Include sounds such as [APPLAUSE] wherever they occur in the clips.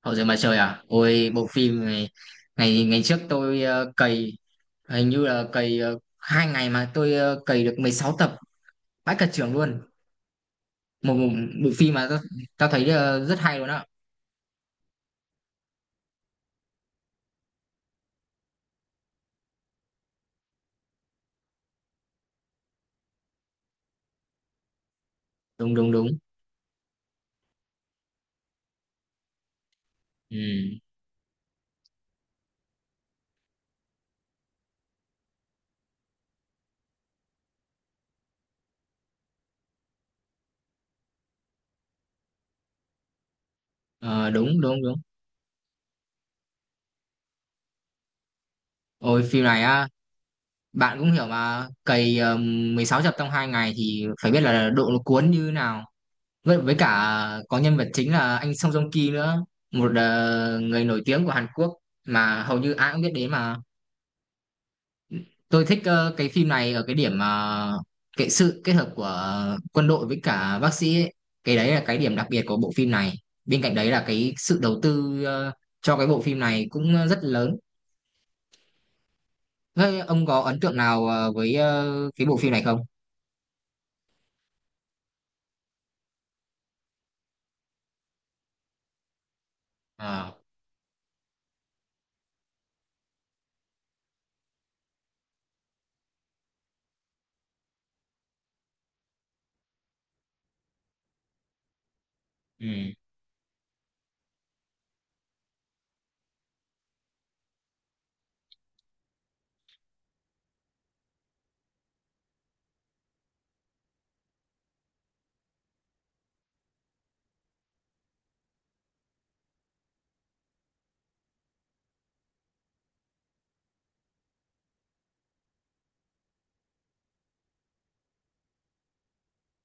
Hậu duệ mặt trời à? Ôi bộ phim này ngày ngày trước tôi cày hình như là cày 2 ngày mà tôi cày được 16 tập, vãi cả trưởng luôn. Một bộ phim mà tao thấy rất hay luôn á. Đúng đúng đúng. Ừ. Ờ, đúng đúng đúng. Ôi phim này á, bạn cũng hiểu mà cày 16 tập trong 2 ngày thì phải biết là độ nó cuốn như thế nào. Với cả có nhân vật chính là anh Song Joong Ki nữa, một người nổi tiếng của Hàn Quốc mà hầu như ai cũng biết đến mà. Tôi thích cái phim này ở cái điểm mà cái sự kết hợp của quân đội với cả bác sĩ ấy. Cái đấy là cái điểm đặc biệt của bộ phim này, bên cạnh đấy là cái sự đầu tư cho cái bộ phim này cũng rất lớn. Thế ông có ấn tượng nào với cái bộ phim này không? Ờ, ừ,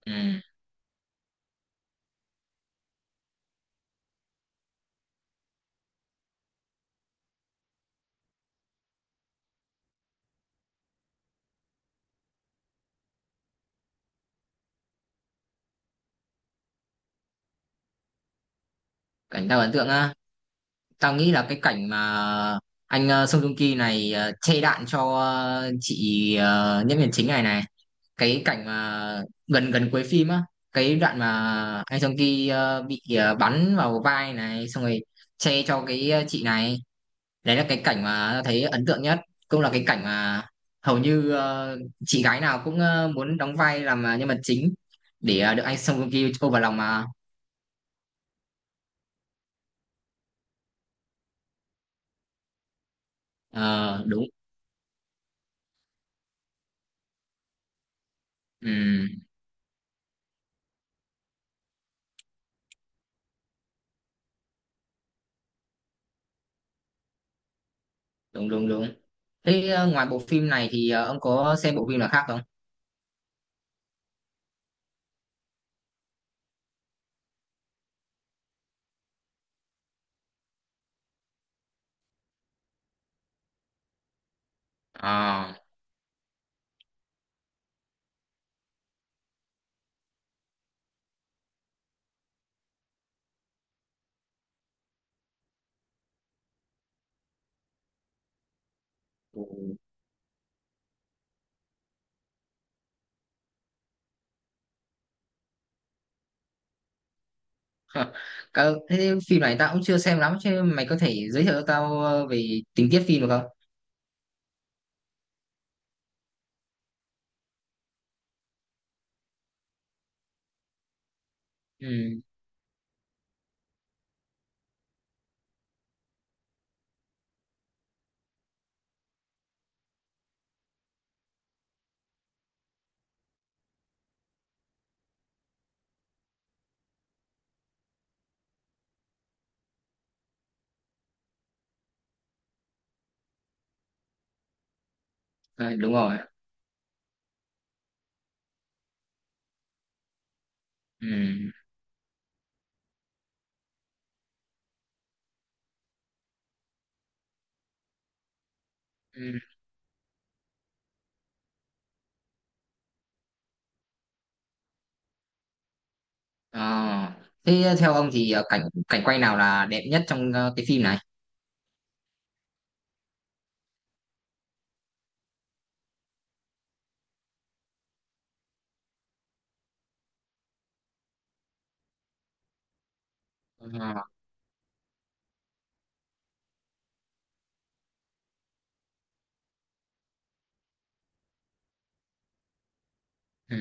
ừ. Cảnh tao ấn tượng á, tao nghĩ là cái cảnh mà anh Song Joong Ki này chê đạn cho chị nhân viên chính này này, cái cảnh mà gần gần cuối phim á, cái đoạn mà anh Song Ki bị bắn vào vai này xong rồi che cho cái chị này. Đấy là cái cảnh mà tao thấy ấn tượng nhất, cũng là cái cảnh mà hầu như chị gái nào cũng muốn đóng vai làm nhân vật chính để được anh Song Ki ôm vào lòng mà. Ờ, đúng, ừ, đúng đúng đúng. Thế ngoài bộ phim này thì ông có xem bộ phim nào khác không? À. [LAUGHS] Cả, thế phim này tao cũng chưa xem lắm, chứ mày có thể giới thiệu cho tao về tình tiết phim được không? Ừ. À, đúng rồi. Ừ. Ừ. À, thế theo ông thì cảnh cảnh quay nào là đẹp nhất trong cái phim này? Ờ. Ừ.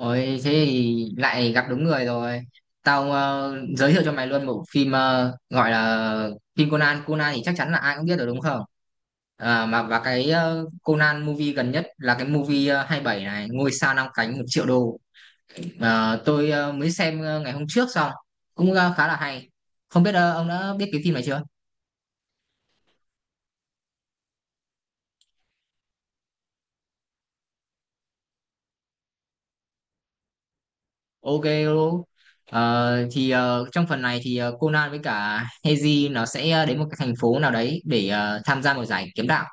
Ôi thế thì lại gặp đúng người rồi. Tao giới thiệu cho mày luôn bộ phim gọi là phim Conan. Conan thì chắc chắn là ai cũng biết rồi đúng không? À, mà và cái Conan movie gần nhất là cái movie 27 này, ngôi sao năm cánh 1 triệu đô. Ờ, tôi mới xem ngày hôm trước xong, cũng khá là hay, không biết ông đã biết cái phim này chưa. Ok luôn. Ờ, thì trong phần này thì Conan với cả Heiji nó sẽ đến một cái thành phố nào đấy để tham gia một giải kiếm đạo,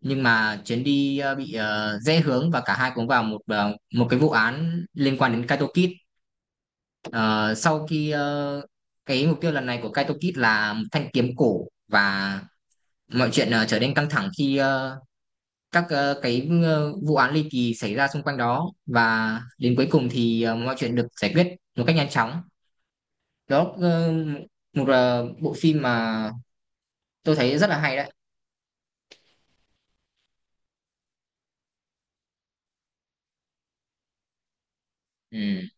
nhưng mà chuyến đi bị rẽ hướng và cả hai cũng vào một cái vụ án liên quan đến Kaito Kid. Ờ, sau khi cái mục tiêu lần này của Kaito Kid là một thanh kiếm cổ, và mọi chuyện trở nên căng thẳng khi các cái vụ án ly kỳ xảy ra xung quanh đó, và đến cuối cùng thì mọi chuyện được giải quyết một cách nhanh chóng. Đó, một bộ phim mà tôi thấy rất là hay đấy. Ừ.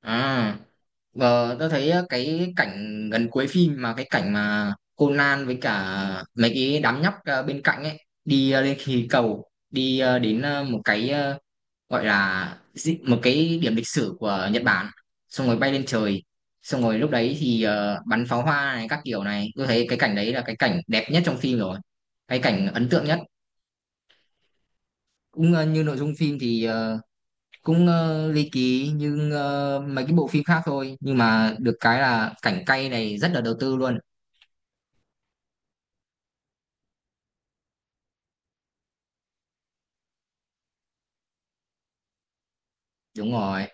À, và tôi thấy cái cảnh gần cuối phim mà cái cảnh mà Conan với cả mấy cái đám nhóc bên cạnh ấy, đi lên khí cầu đi đến một cái gọi là một cái điểm lịch sử của Nhật Bản, xong rồi bay lên trời, xong rồi lúc đấy thì bắn pháo hoa này các kiểu này, tôi thấy cái cảnh đấy là cái cảnh đẹp nhất trong phim rồi, cái cảnh ấn tượng nhất. Cũng như nội dung phim thì cũng ly kỳ như mấy cái bộ phim khác thôi, nhưng mà được cái là cảnh cay này rất là đầu tư luôn. Đúng rồi.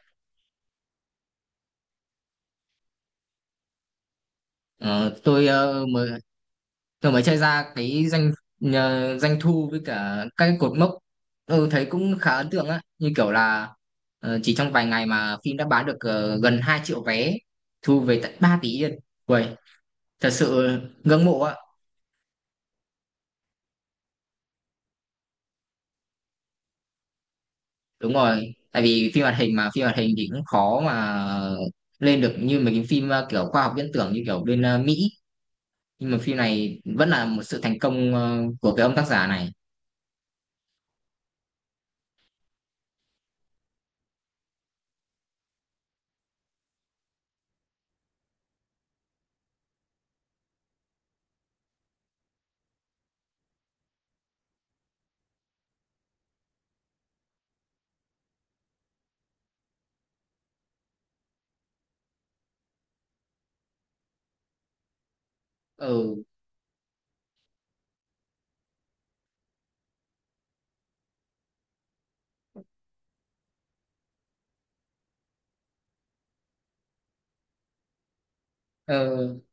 Ờ, tôi mới chơi ra cái doanh doanh thu với cả các cái cột mốc, ừ, thấy cũng khá ấn tượng á, như kiểu là chỉ trong vài ngày mà phim đã bán được gần 2 triệu vé, thu về tận 3 tỷ yên. Uầy, thật sự ngưỡng mộ á. Đúng rồi, tại vì phim hoạt hình mà phim hoạt hình thì cũng khó mà lên được như mấy cái phim kiểu khoa học viễn tưởng như kiểu bên Mỹ, nhưng mà phim này vẫn là một sự thành công của cái ông tác giả này. Ừ. Ừ.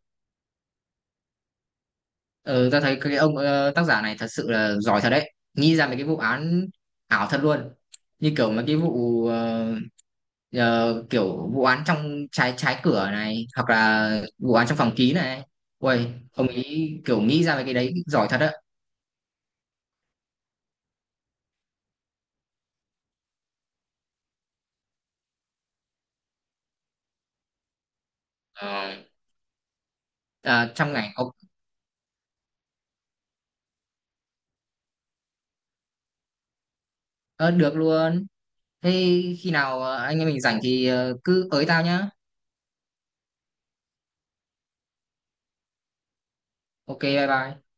Ừ, ta thấy cái ông tác giả này thật sự là giỏi thật đấy, nghĩ ra mấy cái vụ án ảo thật luôn, như kiểu mấy cái vụ kiểu vụ án trong trái trái cửa này hoặc là vụ án trong phòng ký này, ui ông ấy kiểu nghĩ ra mấy cái đấy giỏi thật á. Ờ. À, trong ngành ông ờ, được luôn, thế khi nào anh em mình rảnh thì cứ tới tao nhá. Ok, bye bye.